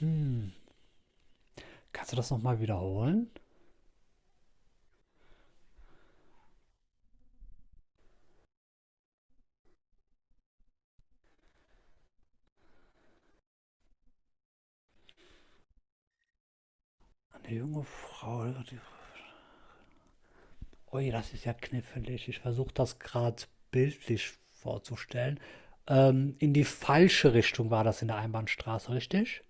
Hm, Kannst du das nochmal wiederholen? Eine junge Frau. Ui, das ist ja knifflig. Ich versuche das gerade bildlich vorzustellen. In die falsche Richtung war das in der Einbahnstraße, richtig?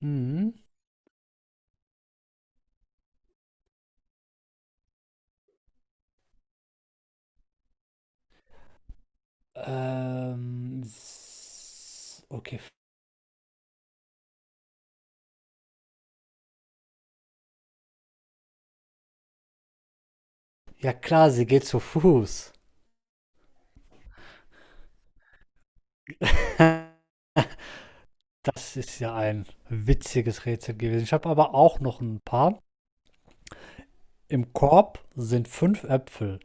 Mhm. Okay. Ja klar, sie geht zu Fuß. Das ist ja ein witziges Rätsel gewesen. Ich habe aber auch noch ein paar. Im Korb sind fünf Äpfel.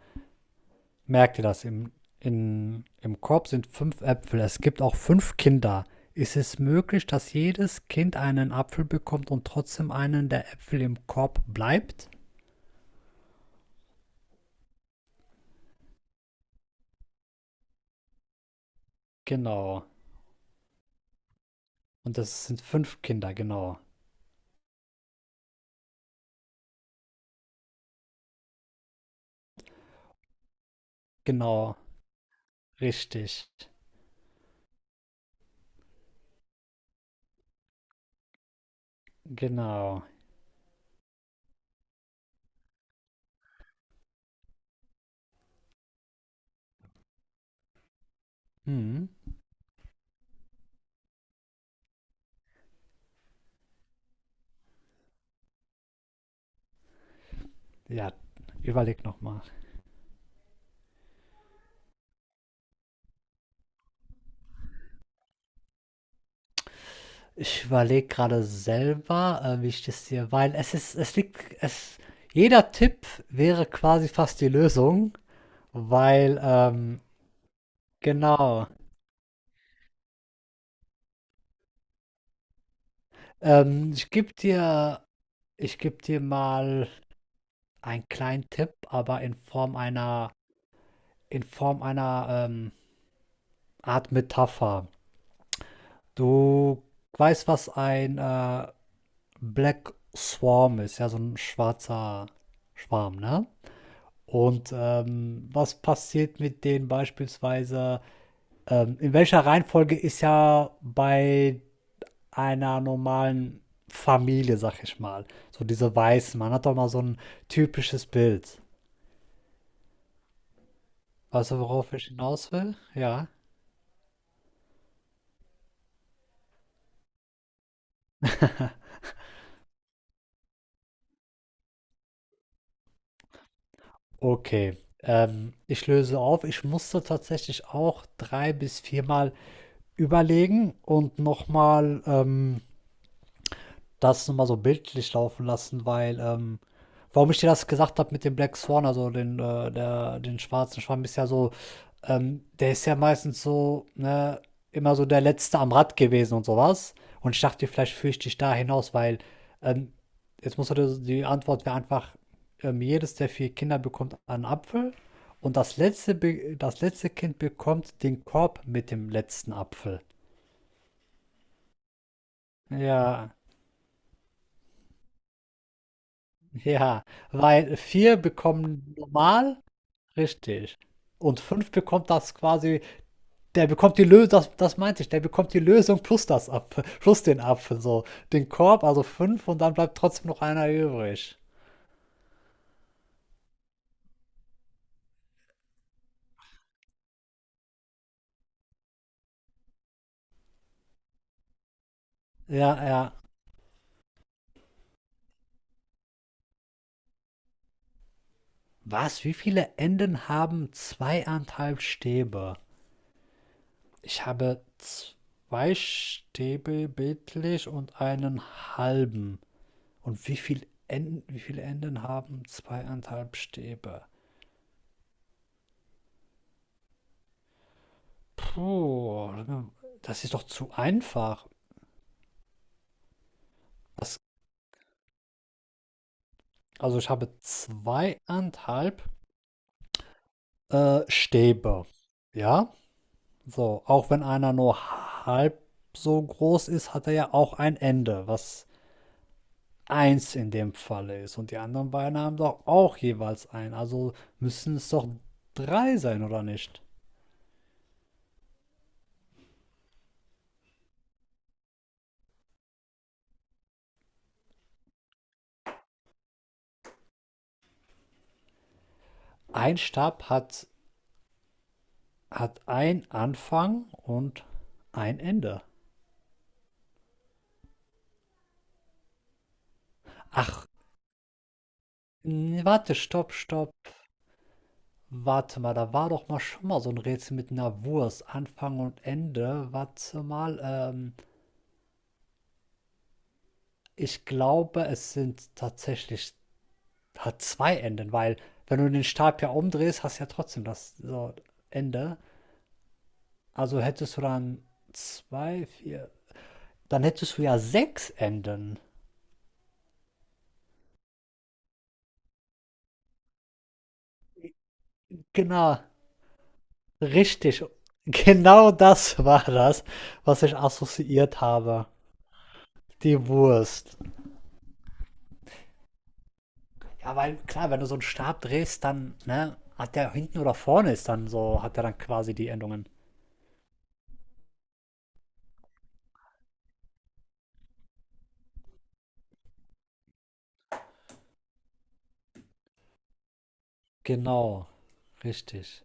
Merkt ihr, im Korb sind fünf Äpfel, es gibt auch fünf Kinder. Ist es möglich, dass jedes Kind einen Apfel bekommt und trotzdem einen der Äpfel im Korb bleibt? Genau. Und das sind fünf Kinder, genau. Genau, richtig. Genau. Hm. Ja, überleg nochmal. Ich überlege gerade selber, wie ich das hier, weil es ist, es liegt, jeder Tipp wäre quasi fast die Lösung, weil Genau. Ähm, ich gebe dir, Ich geb dir mal einen kleinen Tipp, aber in Form einer Art Metapher. Du weißt, was ein Black Swarm ist, ja, so ein schwarzer Schwarm, ne? Und was passiert mit denen beispielsweise? In welcher Reihenfolge ist ja bei einer normalen Familie, sag ich mal. So diese Weißen. Man hat doch mal so ein typisches Bild. Weißt du, worauf ich hinaus will? Ja. Okay. Ich löse auf. Ich musste tatsächlich auch drei bis viermal überlegen und nochmal das nur mal so bildlich laufen lassen, weil, warum ich dir das gesagt habe mit dem Black Swan, also den schwarzen Schwamm, ist ja so, der ist ja meistens so, ne, immer so der Letzte am Rad gewesen und sowas. Und ich dachte, vielleicht führe ich dich da hinaus, weil ähm, jetzt muss die Antwort wäre einfach, jedes der vier Kinder bekommt einen Apfel und das letzte Kind bekommt den Korb mit dem letzten Apfel. Ja, ja, weil 4 bekommen normal, richtig. Und fünf bekommt das quasi, der bekommt die Lösung, das meinte ich, der bekommt die Lösung plus plus den Apfel, so. Den Korb, also 5 und dann bleibt trotzdem noch einer übrig. Ja, ja. Was? Wie viele Enden haben zweieinhalb Stäbe? Ich habe zwei Stäbe bildlich und einen halben. Und wie viele Enden haben zweieinhalb Stäbe? Puh, das ist doch zu einfach. Das, also ich habe zweieinhalb Stäbe. Ja, so. Auch wenn einer nur halb so groß ist, hat er ja auch ein Ende, was eins in dem Falle ist. Und die anderen beiden haben doch auch jeweils ein. Also müssen es doch drei sein, oder nicht? Ein Stab hat ein Anfang und ein Ende. Ach, nee, warte, stopp, stopp. Warte mal, da war doch mal schon mal so ein Rätsel mit einer Wurst, Anfang und Ende. Warte mal, ich glaube, es sind tatsächlich hat 2 Enden, weil wenn du den Stab ja umdrehst, hast du ja trotzdem das so Ende. Also hättest du dann 2 4, dann hättest du ja sechs Enden. Genau, richtig. Genau das war das, was ich assoziiert habe. Die Wurst. Ja, weil klar, wenn du so einen Stab drehst, dann, ne, hat der hinten oder vorne ist dann so, hat er dann quasi die Endungen. Genau, richtig.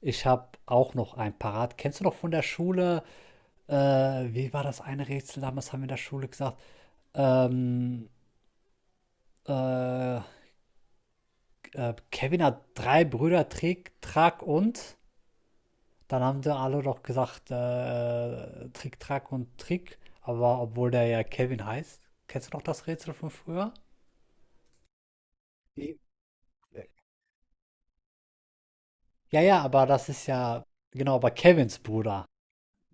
Ich habe auch noch ein parat. Kennst du noch von der Schule, äh, wie war das eine Rätsel damals, haben wir in der Schule gesagt? Ähm, äh, Kevin hat drei Brüder, Trick, Track und. Dann haben sie alle doch gesagt, Trick, Track und Trick. Aber obwohl der ja Kevin heißt. Kennst du noch das Rätsel von früher? Wie? Ja, ja, aber das ist ja, genau, aber Kevins Bruder.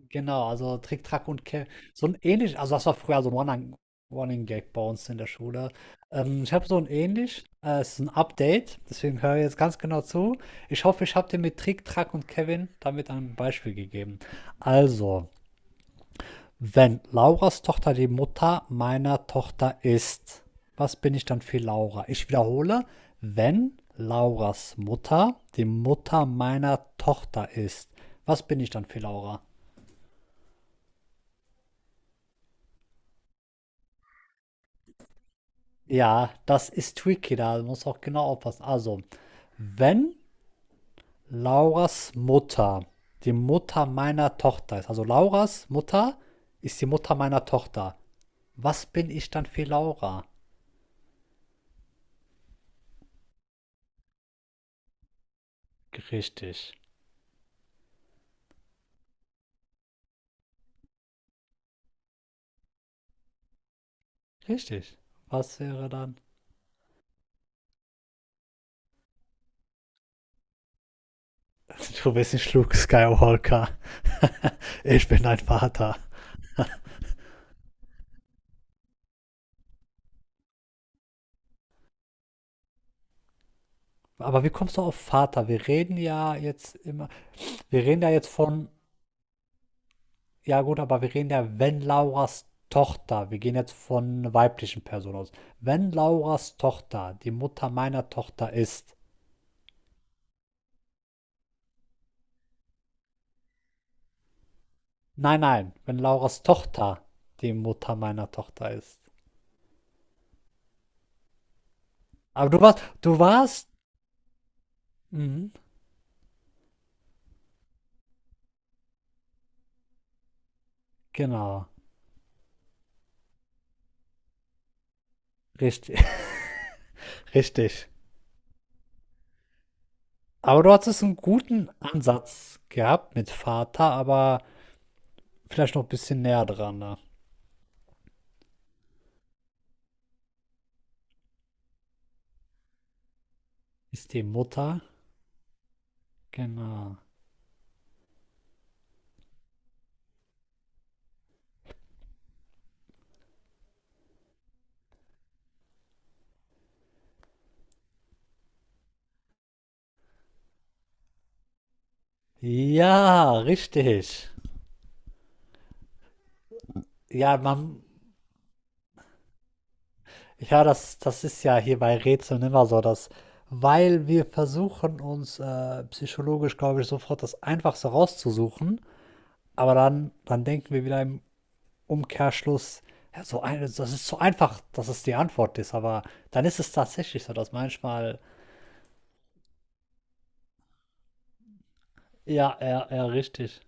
Genau, also Trick, Track und Kevin. So ein ähnlich, also das war früher so ein Running Gag bei uns in der Schule. Ich habe so ein ähnlich, es ist ein Update, deswegen höre ich jetzt ganz genau zu. Ich hoffe, ich habe dir mit Trick, Track und Kevin damit ein Beispiel gegeben. Also, wenn Lauras Tochter die Mutter meiner Tochter ist, was bin ich dann für Laura? Ich wiederhole, wenn Lauras Mutter die Mutter meiner Tochter ist, was bin ich dann für Laura? Ja, das ist tricky, da muss auch genau aufpassen. Also, wenn Lauras Mutter die Mutter meiner Tochter ist, also Lauras Mutter ist die Mutter meiner Tochter, was bin ich dann für Laura? Richtig. Richtig. Was wäre dann? Du bist nicht Schluck Skywalker. Ich bin ein Vater. Aber wie kommst du auf Vater? Wir reden ja jetzt von, ja gut, aber wir reden ja, wenn Lauras Tochter, wir gehen jetzt von weiblichen Personen aus. Wenn Lauras Tochter die Mutter meiner Tochter ist. Nein, nein, wenn Lauras Tochter die Mutter meiner Tochter ist. Aber du warst, mhm, genau, richtig, richtig. Aber du hattest einen guten Ansatz gehabt mit Vater, aber vielleicht noch ein bisschen näher dran. Ne? Ist die Mutter? Genau. Ja, richtig. Ja, man, ja, das ist ja hier bei Rätseln immer so, dass, weil wir versuchen uns psychologisch, glaube ich, sofort das Einfachste rauszusuchen, aber dann denken wir wieder im Umkehrschluss, ja, so ein, das ist so einfach, dass es die Antwort ist, aber dann ist es tatsächlich so, dass manchmal Ja, ja, ja, richtig.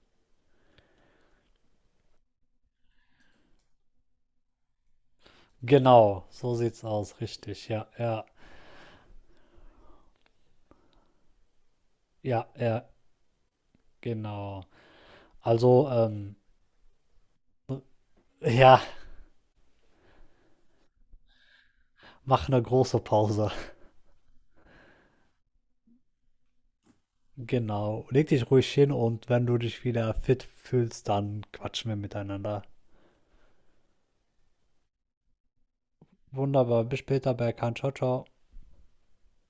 Genau, so sieht's aus, richtig. Ja, ja, ja, ja, genau. Also, ja, mach eine große Pause. Genau. Leg dich ruhig hin und wenn du dich wieder fit fühlst, dann quatschen wir miteinander. Wunderbar, bis später, Berkan. Ciao, ciao.